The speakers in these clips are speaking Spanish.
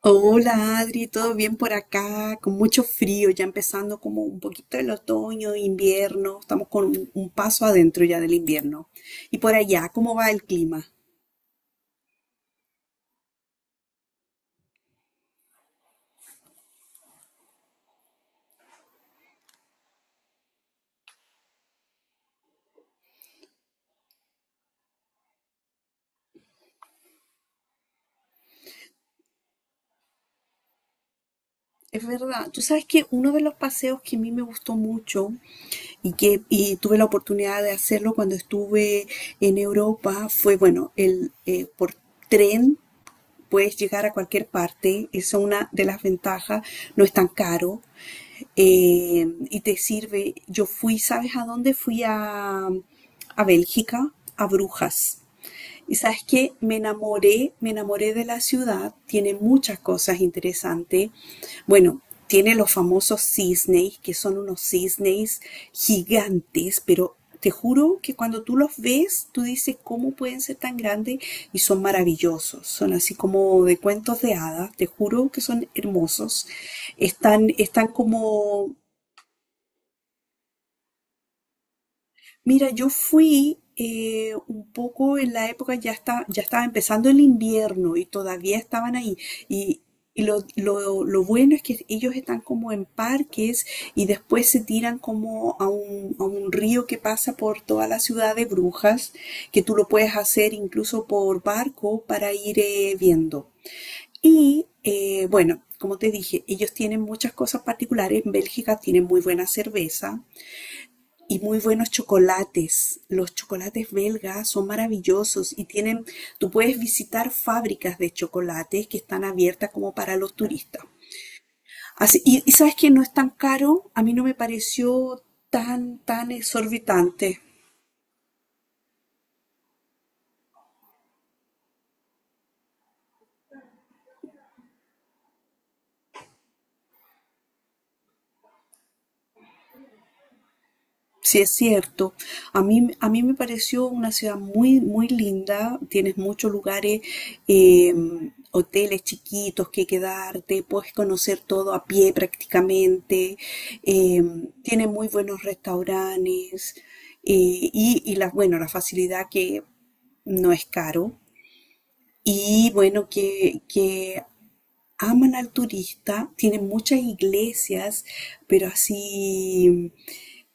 Hola Adri, ¿todo bien por acá? Con mucho frío, ya empezando como un poquito el otoño, invierno, estamos con un paso adentro ya del invierno. Y por allá, ¿cómo va el clima? Es verdad, tú sabes que uno de los paseos que a mí me gustó mucho y tuve la oportunidad de hacerlo cuando estuve en Europa fue, bueno, el por tren puedes llegar a cualquier parte, es una de las ventajas, no es tan caro, y te sirve. Yo fui, ¿sabes a dónde? Fui a Bélgica, a Brujas. Y sabes que me enamoré de la ciudad, tiene muchas cosas interesantes. Bueno, tiene los famosos cisnes, que son unos cisnes gigantes, pero te juro que cuando tú los ves, tú dices cómo pueden ser tan grandes y son maravillosos. Son así como de cuentos de hadas, te juro que son hermosos. Están, están como... Mira, yo fui un poco en la época, ya está, ya estaba empezando el invierno y todavía estaban ahí. Y, lo bueno es que ellos están como en parques y después se tiran como a a un río que pasa por toda la ciudad de Brujas, que tú lo puedes hacer incluso por barco para ir viendo. Y bueno, como te dije, ellos tienen muchas cosas particulares. En Bélgica tienen muy buena cerveza y muy buenos chocolates. Los chocolates belgas son maravillosos y tienen, tú puedes visitar fábricas de chocolates que están abiertas como para los turistas. Así, y sabes que no es tan caro, a mí no me pareció tan, tan exorbitante. Sí, es cierto. A mí me pareció una ciudad muy, muy linda. Tienes muchos lugares, eh, hoteles chiquitos que quedarte, puedes conocer todo a pie prácticamente. eh, Tiene muy buenos restaurantes, y la, bueno, la facilidad que no es caro. Y bueno, que aman al turista, tienen muchas iglesias, pero así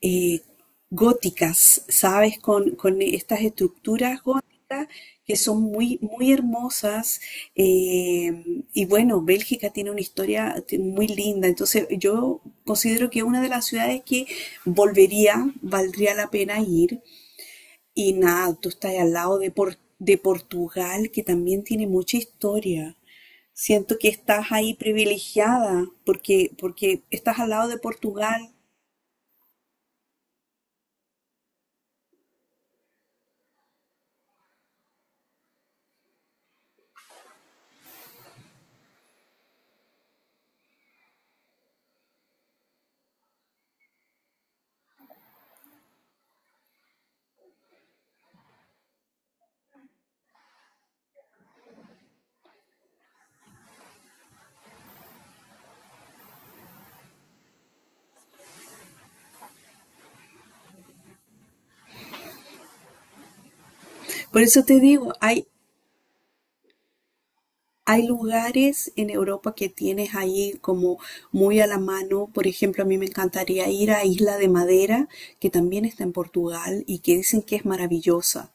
eh, góticas, ¿sabes? Con estas estructuras góticas que son muy, muy hermosas. eh, y bueno, Bélgica tiene una historia muy linda, entonces yo considero que es una de las ciudades que volvería, valdría la pena ir. Y nada, tú estás al lado de, de Portugal, que también tiene mucha historia. Siento que estás ahí privilegiada porque, porque estás al lado de Portugal. Por eso te digo, hay lugares en Europa que tienes ahí como muy a la mano. Por ejemplo, a mí me encantaría ir a Isla de Madera, que también está en Portugal y que dicen que es maravillosa.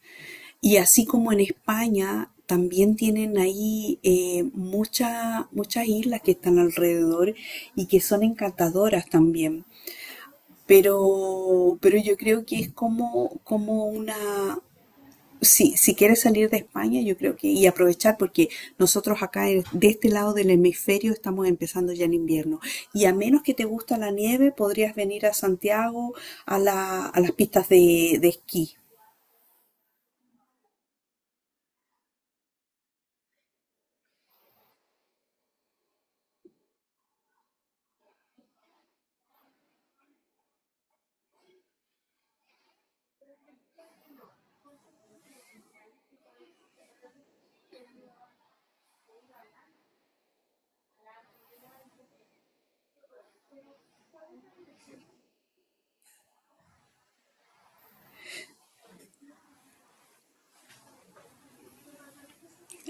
Y así como en España, también tienen ahí muchas islas que están alrededor y que son encantadoras también. Pero yo creo que es como, como una... Sí, si quieres salir de España, yo creo que... Y aprovechar, porque nosotros acá de este lado del hemisferio estamos empezando ya el invierno. Y a menos que te gusta la nieve, podrías venir a Santiago a las pistas de esquí.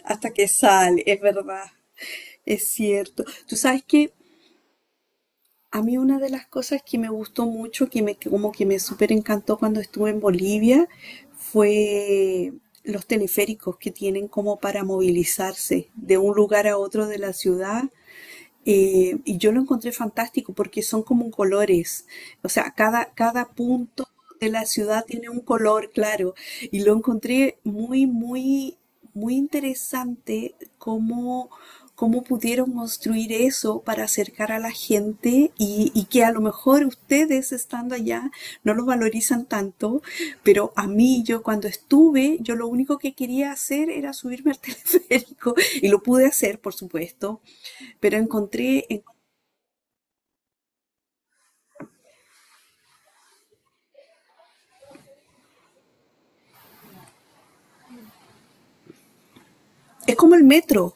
Hasta que sale, es verdad. Es cierto. Tú sabes que... A mí una de las cosas que me gustó mucho, que me, que como que me súper encantó cuando estuve en Bolivia, fue los teleféricos que tienen como para movilizarse de un lugar a otro de la ciudad, y yo lo encontré fantástico porque son como colores. O sea, cada, cada punto de la ciudad tiene un color claro. Y lo encontré muy, muy, muy interesante cómo, cómo pudieron construir eso para acercar a la gente y que a lo mejor ustedes estando allá no lo valorizan tanto, pero a mí yo cuando estuve, yo lo único que quería hacer era subirme al teleférico y lo pude hacer, por supuesto, pero encontré, es como el metro,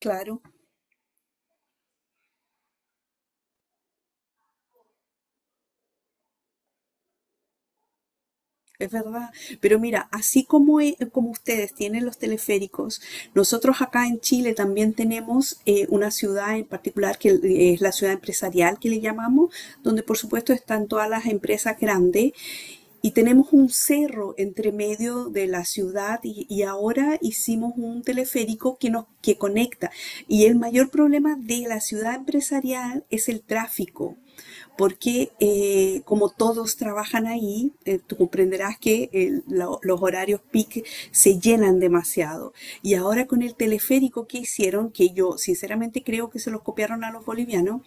claro, es verdad. Pero mira, así como, como ustedes tienen los teleféricos, nosotros acá en Chile también tenemos una ciudad en particular que es la ciudad empresarial que le llamamos, donde por supuesto están todas las empresas grandes. Y tenemos un cerro entre medio de la ciudad y ahora hicimos un teleférico que conecta. Y el mayor problema de la ciudad empresarial es el tráfico, porque como todos trabajan ahí, tú comprenderás que los horarios peak se llenan demasiado. Y ahora con el teleférico que hicieron, que yo sinceramente creo que se los copiaron a los bolivianos,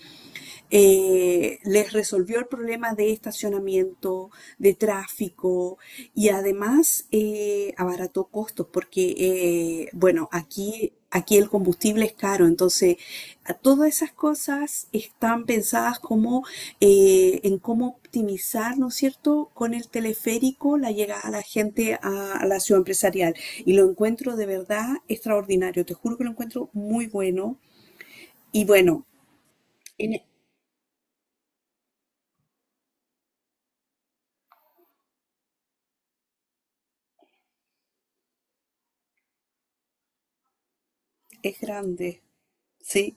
les resolvió el problema de estacionamiento, de tráfico y además abarató costos porque, bueno, aquí, aquí el combustible es caro, entonces a todas esas cosas están pensadas como en cómo optimizar, ¿no es cierto?, con el teleférico la llegada a la gente a la ciudad empresarial. Y lo encuentro de verdad extraordinario, te juro que lo encuentro muy bueno. Y bueno, en- es grande. Sí,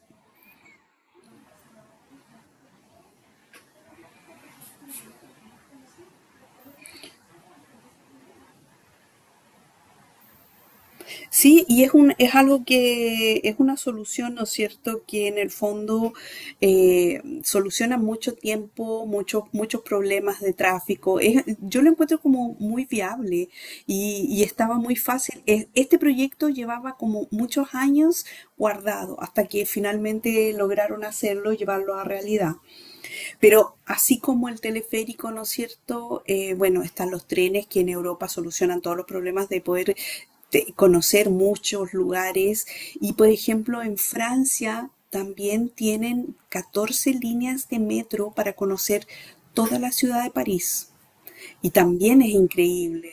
sí, y es un, es algo que es una solución, ¿no es cierto?, que en el fondo soluciona mucho tiempo, muchos, muchos problemas de tráfico. Yo lo encuentro como muy viable y estaba muy fácil. Este proyecto llevaba como muchos años guardado hasta que finalmente lograron hacerlo, llevarlo a realidad. Pero así como el teleférico, ¿no es cierto? Bueno, están los trenes que en Europa solucionan todos los problemas de poder de conocer muchos lugares. Y por ejemplo, en Francia también tienen 14 líneas de metro para conocer toda la ciudad de París. Y también es increíble.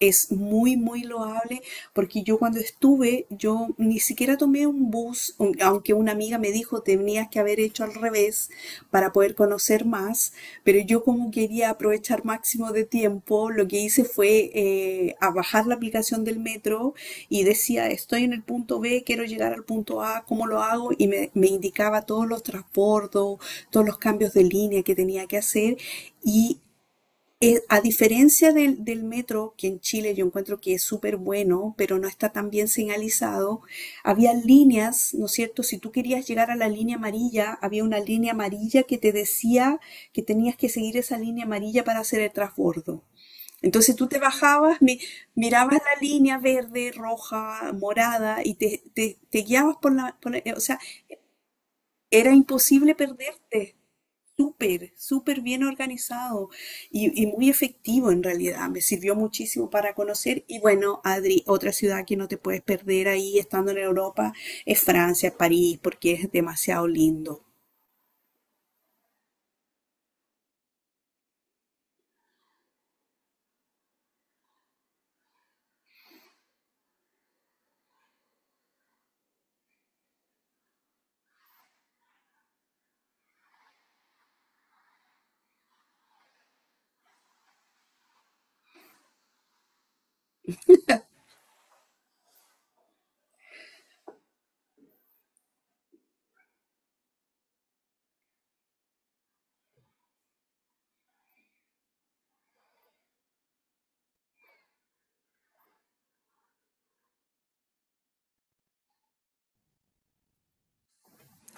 Es muy, muy loable porque yo cuando estuve, yo ni siquiera tomé un bus, aunque una amiga me dijo tenías que haber hecho al revés para poder conocer más, pero yo como quería aprovechar máximo de tiempo, lo que hice fue a bajar la aplicación del metro y decía estoy en el punto B, quiero llegar al punto A, ¿cómo lo hago? Y me indicaba todos los transbordos, todos los cambios de línea que tenía que hacer y a diferencia del, del metro, que en Chile yo encuentro que es súper bueno, pero no está tan bien señalizado, había líneas, ¿no es cierto? Si tú querías llegar a la línea amarilla, había una línea amarilla que te decía que tenías que seguir esa línea amarilla para hacer el transbordo. Entonces tú te bajabas, mirabas la línea verde, roja, morada y te, te guiabas por la... o sea, era imposible perderte, súper, súper bien organizado y muy efectivo en realidad. Me sirvió muchísimo para conocer. Y bueno, Adri, otra ciudad que no te puedes perder ahí estando en Europa es Francia, París, porque es demasiado lindo.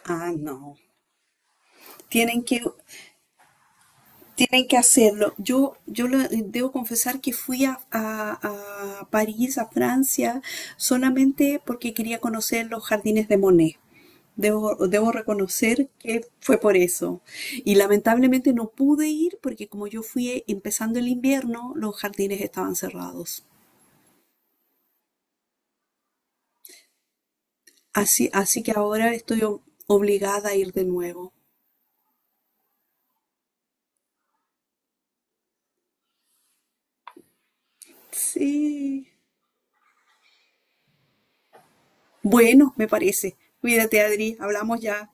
Ah, no. Tienen que... Tienen que hacerlo. Yo, debo confesar que fui a, a París, a Francia, solamente porque quería conocer los jardines de Monet. Debo, debo reconocer que fue por eso. Y lamentablemente no pude ir porque como yo fui empezando el invierno, los jardines estaban cerrados. Así, así que ahora estoy obligada a ir de nuevo. Sí. Bueno, me parece. Cuídate, Adri. Hablamos ya.